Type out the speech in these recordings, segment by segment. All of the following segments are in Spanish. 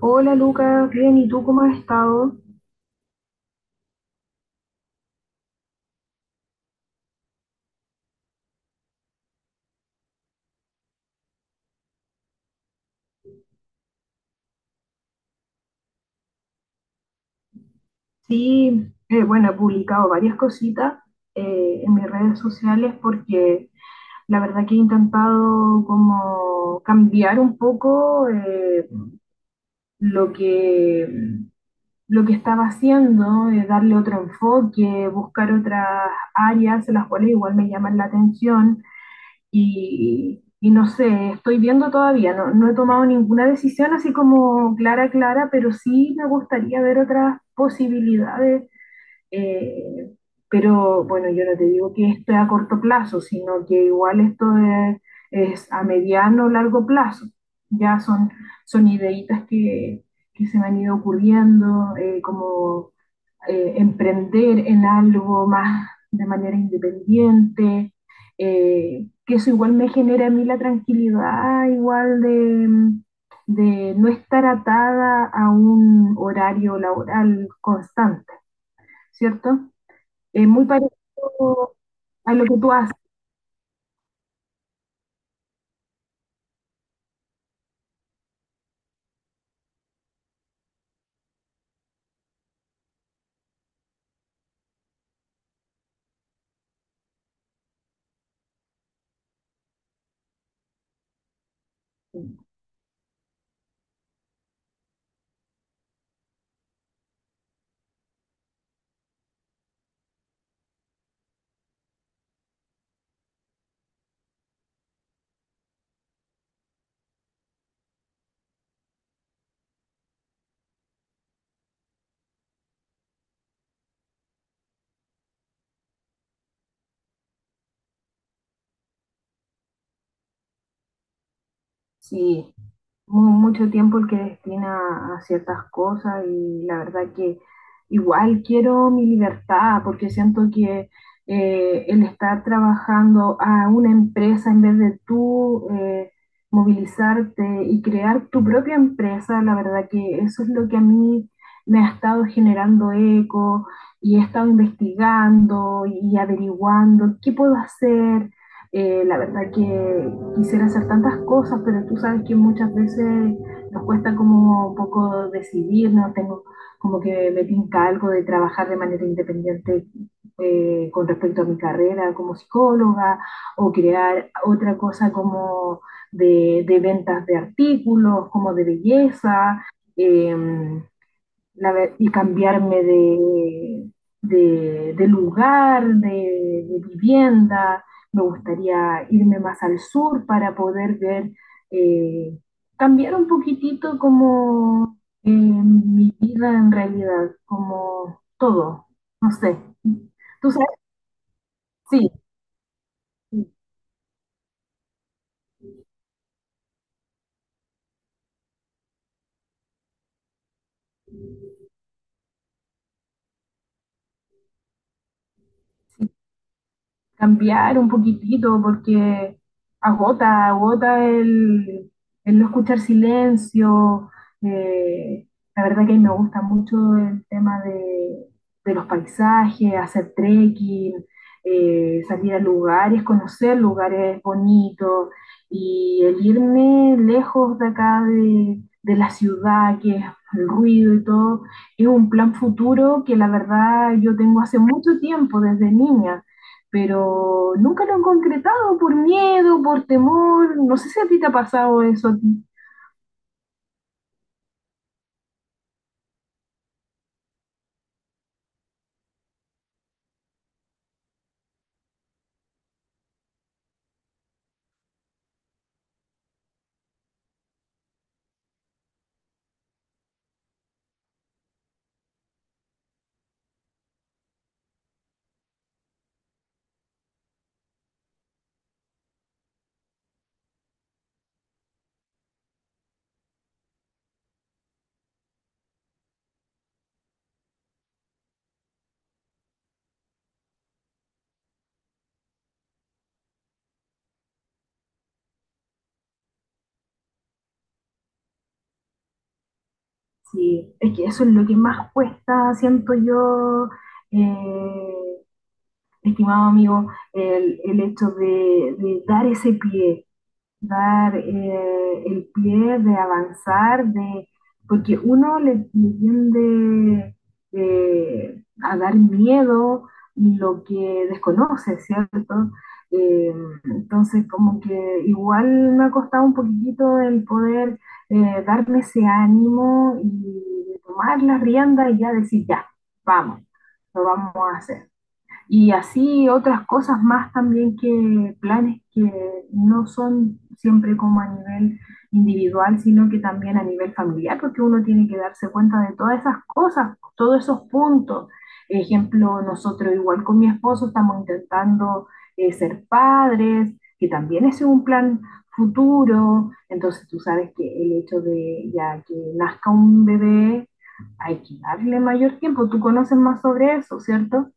Hola Lucas, bien, ¿y tú cómo has estado? Sí, bueno, he publicado varias cositas en mis redes sociales porque la verdad que he intentado como cambiar un poco lo que, lo que estaba haciendo, darle otro enfoque, buscar otras áreas en las cuales igual me llaman la atención. Y no sé, estoy viendo todavía, no, no he tomado ninguna decisión así como clara, clara, pero sí me gustaría ver otras posibilidades. eh, pero bueno, yo no te digo que esto es a corto plazo, sino que igual es a mediano o largo plazo. Ya son, Son ideitas que se me han ido ocurriendo, como emprender en algo más de manera independiente, que eso igual me genera a mí la tranquilidad, igual de no estar atada a un horario laboral constante, ¿cierto? Es muy parecido a lo que tú haces. Sí, mucho tiempo el que destina a ciertas cosas y la verdad que igual quiero mi libertad porque siento que el estar trabajando a una empresa en vez de tú movilizarte y crear tu propia empresa, la verdad que eso es lo que a mí me ha estado generando eco y he estado investigando y averiguando qué puedo hacer. La verdad que quisiera hacer tantas cosas, pero tú sabes que muchas veces nos cuesta como un poco decidirnos, tengo como que me tinca algo de trabajar de manera independiente con respecto a mi carrera como psicóloga, o crear otra cosa como de ventas de artículos, como de belleza. Eh, y cambiarme de lugar, de vivienda. Me gustaría irme más al sur para poder ver, eh, cambiar un poquitito como mi vida en realidad, como todo. No sé. ¿Tú sabes? Sí. Cambiar un poquitito porque agota, agota el no escuchar silencio. eh, la verdad que me gusta mucho el tema de los paisajes, hacer trekking, salir a lugares, conocer lugares bonitos y el irme lejos de acá de la ciudad, que es el ruido y todo, es un plan futuro que la verdad yo tengo hace mucho tiempo, desde niña, pero nunca lo han concretado por miedo, por temor. No sé si a ti te ha pasado eso a ti. Sí, es que eso es lo que más cuesta, siento yo, eh, estimado amigo, el hecho de dar ese pie, dar el pie, de avanzar, de, porque uno le tiende a dar miedo lo que desconoce, ¿cierto? Eh, entonces, como que igual me ha costado un poquitito el poder darme ese ánimo y tomar la rienda y ya decir, ya, vamos, lo vamos a hacer. Y así otras cosas más también, que planes que no son siempre como a nivel individual, sino que también a nivel familiar, porque uno tiene que darse cuenta de todas esas cosas, todos esos puntos. Ejemplo, nosotros igual con mi esposo estamos intentando ser padres, que también es un plan futuro. Entonces tú sabes que el hecho de ya que nazca un bebé, hay que darle mayor tiempo. Tú conoces más sobre eso, ¿cierto?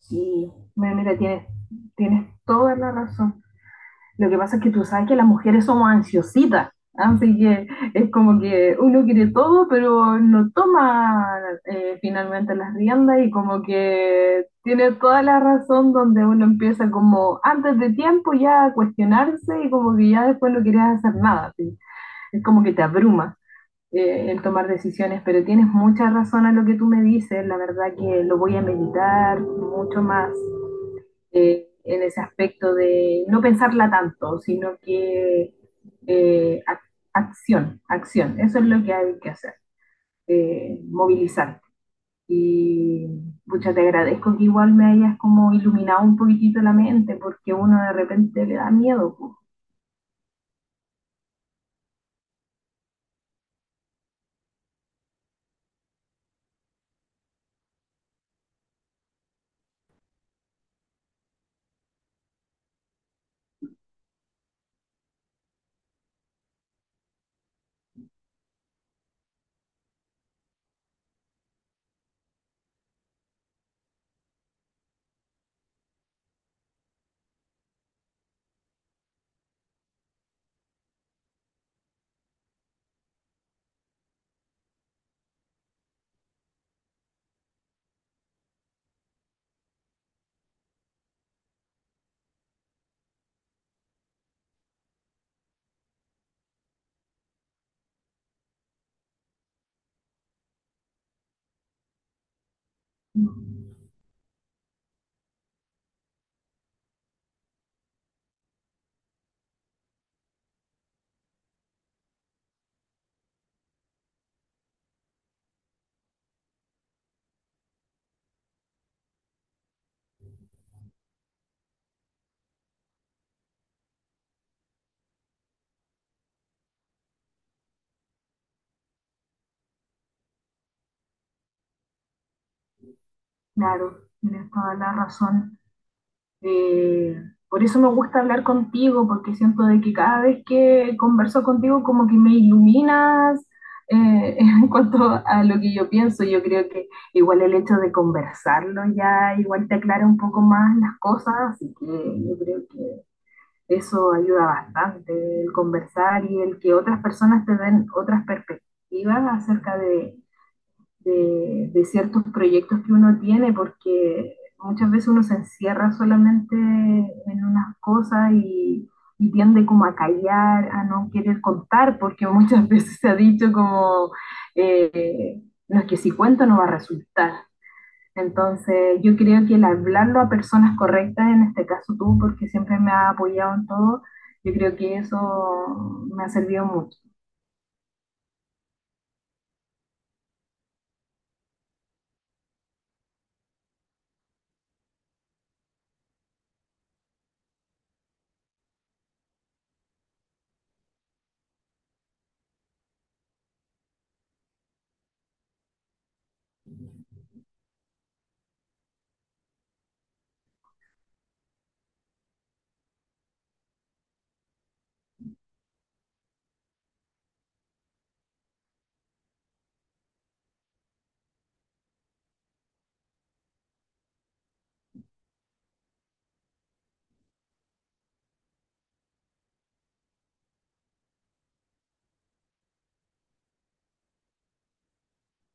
Sí, mira, mira, tienes toda la razón. Lo que pasa es que tú sabes que las mujeres somos ansiositas, así que es como que uno quiere todo, pero no toma finalmente las riendas y como que tiene toda la razón, donde uno empieza como antes de tiempo ya a cuestionarse y como que ya después no quieres hacer nada, ¿sí? Es como que te abruma el tomar decisiones, pero tienes mucha razón a lo que tú me dices, la verdad que lo voy a meditar mucho más en ese aspecto de no pensarla tanto, sino que eh, ac- acción, acción, eso es lo que hay que hacer, movilizarte. Y muchas te agradezco que igual me hayas como iluminado un poquitito la mente, porque uno de repente le da miedo, pues. Claro, tienes toda la razón. Eh, por eso me gusta hablar contigo, porque siento de que cada vez que converso contigo como que me iluminas en cuanto a lo que yo pienso. Yo creo que igual el hecho de conversarlo ya igual te aclara un poco más las cosas, así que yo creo que eso ayuda bastante, el conversar y el que otras personas te den otras perspectivas acerca de ciertos proyectos que uno tiene, porque muchas veces uno se encierra solamente en unas cosas y tiende como a callar, a no querer contar, porque muchas veces se ha dicho como, eh, no, es que si cuento no va a resultar. Entonces yo creo que el hablarlo a personas correctas, en este caso tú, porque siempre me has apoyado en todo, yo creo que eso me ha servido mucho.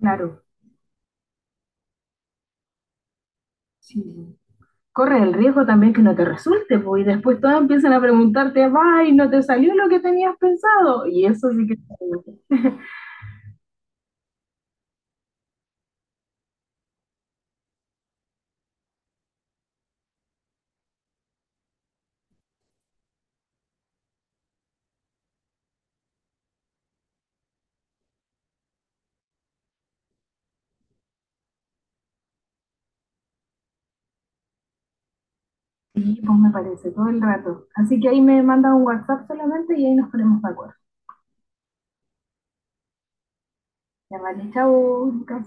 Claro, sí. Corres el riesgo también que no te resulte, pues, y después todos empiezan a preguntarte, ay, no te salió lo que tenías pensado, y eso sí que... Sí, pues me parece, todo el rato. Así que ahí me mandas un WhatsApp solamente y ahí nos ponemos de acuerdo. Ya vale, chao, Lucas.